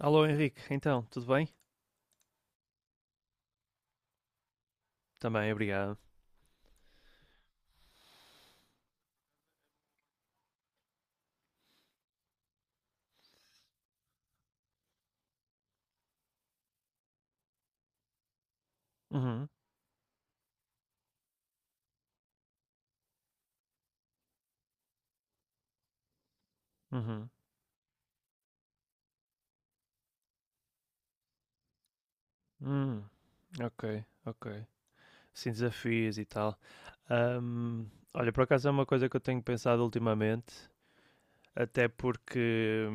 Alô Henrique, então, tudo bem? Também, obrigado. Uhum, uhum. Hum, ok, ok. Sim, desafios e tal. Ahm, olha, por acaso é uma coisa que eu tenho pensado ultimamente, até porque,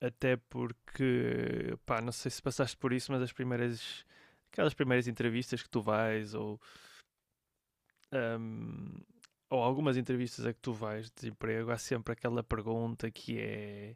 até porque, pá, não sei se passaste por isso, mas as primeiras, aquelas primeiras entrevistas que tu vais, ahm, ou algumas entrevistas a que tu vais de emprego, há sempre aquela pergunta que é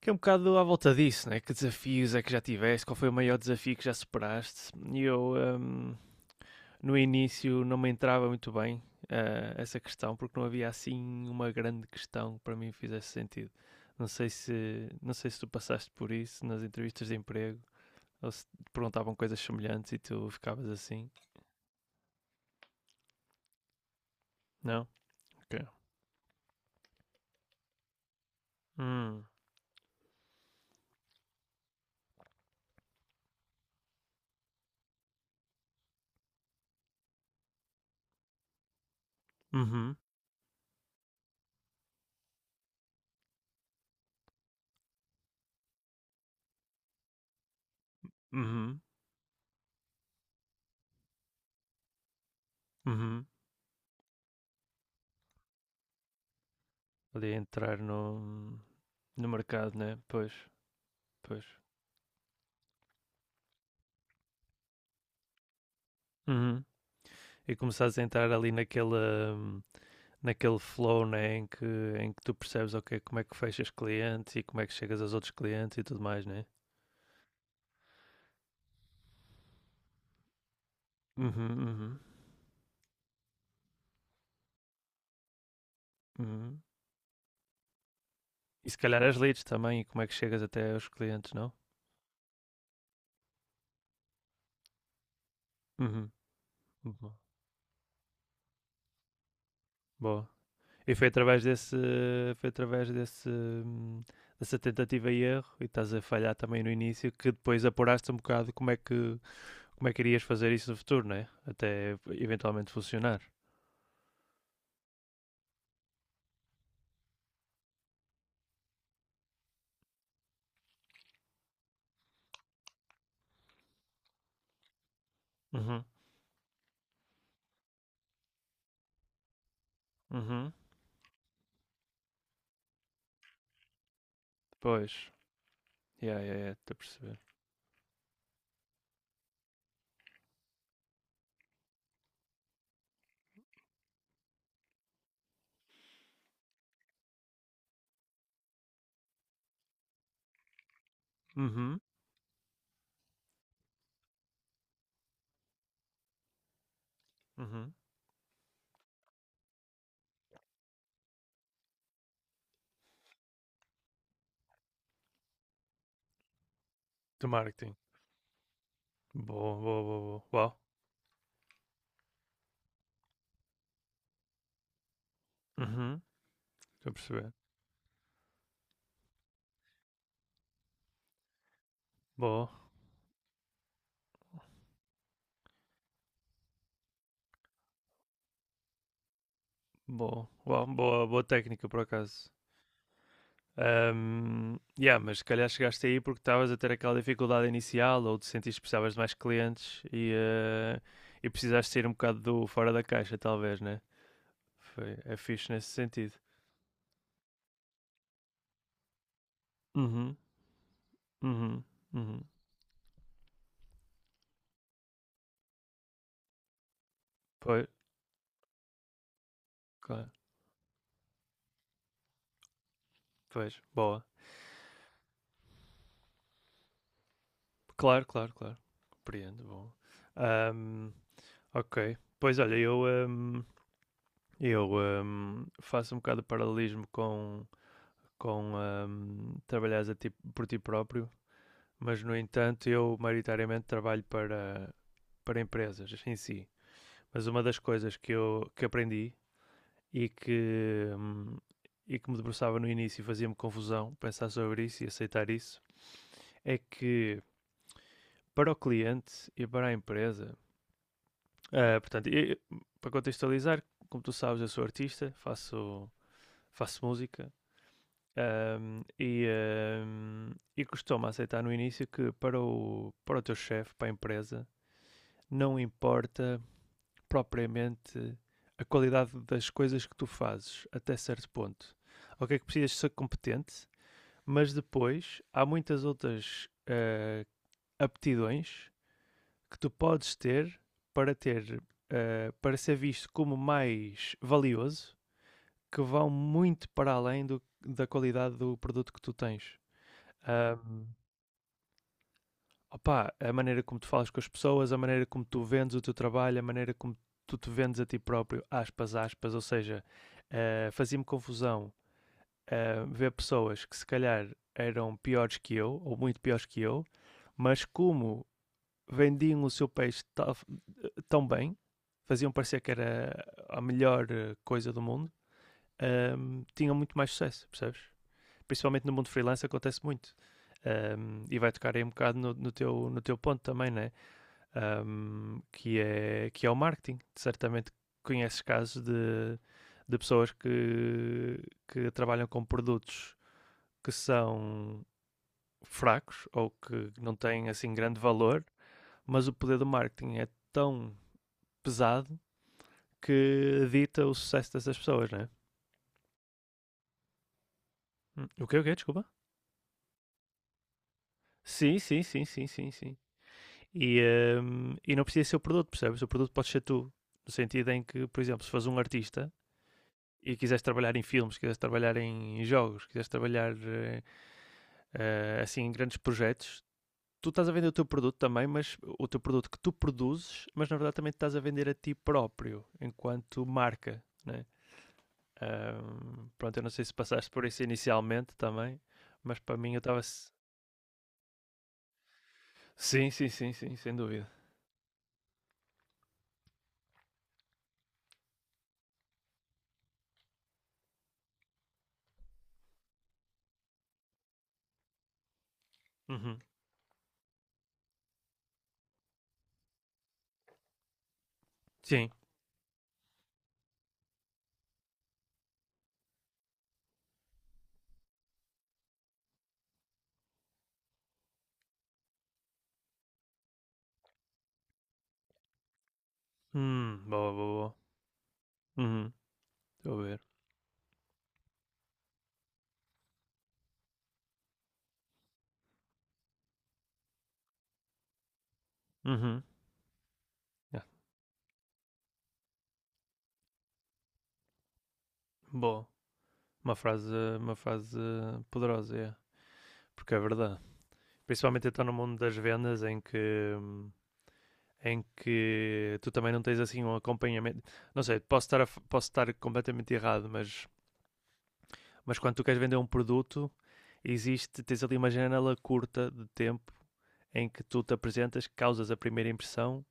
que é um bocado à volta disso, né? Que desafios é que já tiveste? Qual foi o maior desafio que já superaste? E eu, no início, não me entrava muito bem essa questão, porque não havia assim uma grande questão que para mim fizesse sentido. Não sei se tu passaste por isso nas entrevistas de emprego, ou se te perguntavam coisas semelhantes e tu ficavas assim. Não? Ok. Hum. Uhum. Uhum. Uhum. Ali entrar no, no mercado, né? Pois, pois. Uhum. E começares a entrar ali naquela, naquele flow, né? Em, que, em que tu percebes ok, como é que fechas clientes e como é que chegas aos outros clientes e tudo mais, né? Uhum, uhum, uhum. E se calhar as leads também e como é que chegas até aos clientes, não? Uhum. bo- Boa. E foi através desse, foi através desse, dessa tentativa e erro e estás a falhar também no início que depois apuraste um bocado como é que irias fazer isso no futuro, né? Até eventualmente funcionar. Uhum. Uhum. Pois. Yeah, yeah, yeah, estou a perceber. Uhum. Uhum. Do marketing. Boa, boa, boa, boa. Uau. Uhum. Estou a perceber. Boa. Boa. Uau, boa, boa técnica, por acaso. Yeah, mas se calhar chegaste aí porque estavas a ter aquela dificuldade inicial ou te sentiste que precisavas de mais clientes e, e precisaste sair um bocado do fora da caixa, talvez, né? Foi, é fixe nesse sentido. Uhum, uhum, uhum. Pois, claro. Pois, boa. Claro, claro, claro. Compreendo, bom. Ahm, ok. Pois olha, eu faço um bocado de paralelismo com por ti próprio, mas no entanto eu maioritariamente trabalho para, para empresas em si. Mas uma das coisas que eu que aprendi e e que me debruçava no início e fazia-me confusão pensar sobre isso e aceitar isso, é que para o cliente e para a empresa Eh, portanto, eu- para contextualizar, como tu sabes, eu sou artista, faço, faço música, e costumo aceitar no início que para o, para o teu chefe, para a empresa, não importa propriamente a qualidade das coisas que tu fazes, até certo ponto. O que é que precisas ser competente, mas depois há muitas outras aptidões que tu podes ter para ter para ser visto como mais valioso, que vão muito para além da qualidade do produto que tu tens. Ahm, opá, a maneira como tu falas com as pessoas, a maneira como tu vendes o teu trabalho, a maneira como tu te vendes a ti próprio, aspas, aspas, ou seja, fazia-me confusão ver pessoas que se calhar eram piores que eu, ou muito piores que eu, mas como vendiam o seu peixe tão bem, faziam parecer que era a melhor coisa do mundo, tinham muito mais sucesso, percebes? Principalmente no mundo freelance acontece muito. E vai tocar aí um bocado no, no teu, no teu ponto também, né? Que é o marketing. Certamente conheces casos de pessoas que trabalham com produtos que são fracos ou que não têm assim grande valor, mas o poder do marketing é tão pesado que dita o sucesso dessas pessoas, não é? O quê, o quê? Desculpa? Sim, sim, sim, sim, sim, sim. E e não precisa ser o produto, percebes? O produto pode ser tu. No sentido em que, por exemplo, se fores um artista e quiseres trabalhar em filmes, quiseres trabalhar em jogos, quiseres trabalhar assim em grandes projetos, tu estás a vender o teu produto também, mas o teu produto que tu produzes, mas na verdade também te estás a vender a ti próprio, enquanto marca, né? Pronto, eu não sei se passaste por isso inicialmente também, mas para mim eu estava. Sim, sim, sim, sim, sem dúvida. Uhum. Sim. Boa, boa, boa. Uhum. Estou a ver. Uhum. Yeah. Boa. Uma frase poderosa, é. Porque é verdade. Principalmente então no mundo das vendas em que, em que tu também não tens assim um acompanhamento. Não sei, posso estar, posso estar completamente errado, mas quando tu queres vender um produto, existe, tens ali uma janela curta de tempo em que tu te apresentas, causas a primeira impressão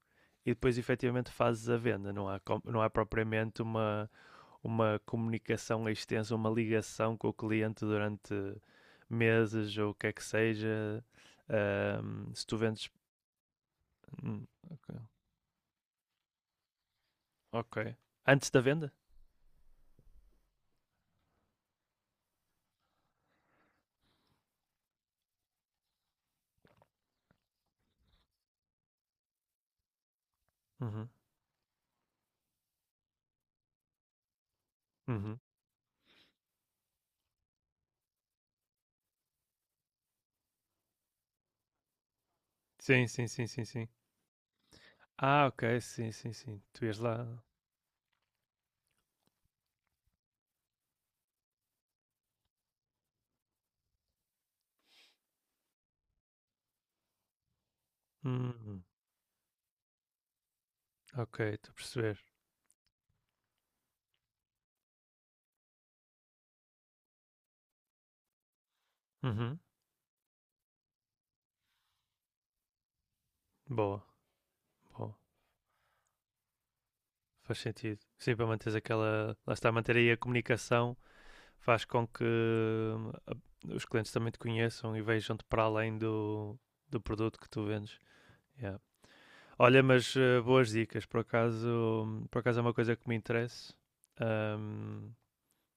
e depois efetivamente fazes a venda. Não há, não há propriamente uma comunicação extensa, uma ligação com o cliente durante meses ou o que é que seja. Se tu vendes. hum, ok. Antes da venda? Uhum. Uhum. Sim, sim, sim, sim, sim. Ah, ok, sim, sim, sim. Tu ias lá. Hum, ok, estou a perceber. Uhum. Boa, boa. Faz sentido. Sim, para manteres aquela. Lá está, manter aí a comunicação faz com que os clientes também te conheçam e vejam-te para além do, do produto que tu vendes. Yeah. Olha, mas boas dicas, por acaso é uma coisa que me interessa, ahm,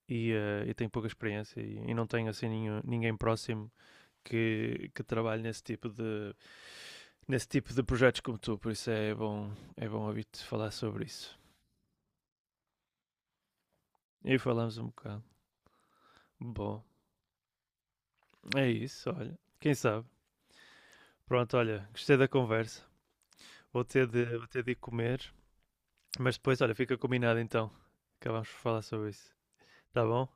eu tenho pouca experiência e não tenho assim ninguém próximo que trabalhe nesse tipo de projetos como tu, por isso é bom ouvir-te falar sobre isso. E falamos um bocado. Bom, é isso, olha. Quem sabe? Pronto, olha, gostei da conversa. Vou ter de ir comer, mas depois, olha, fica combinado então. Acabamos por falar sobre isso. Tá bom?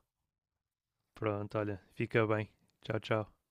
Pronto, olha, fica bem. Tchau, tchau.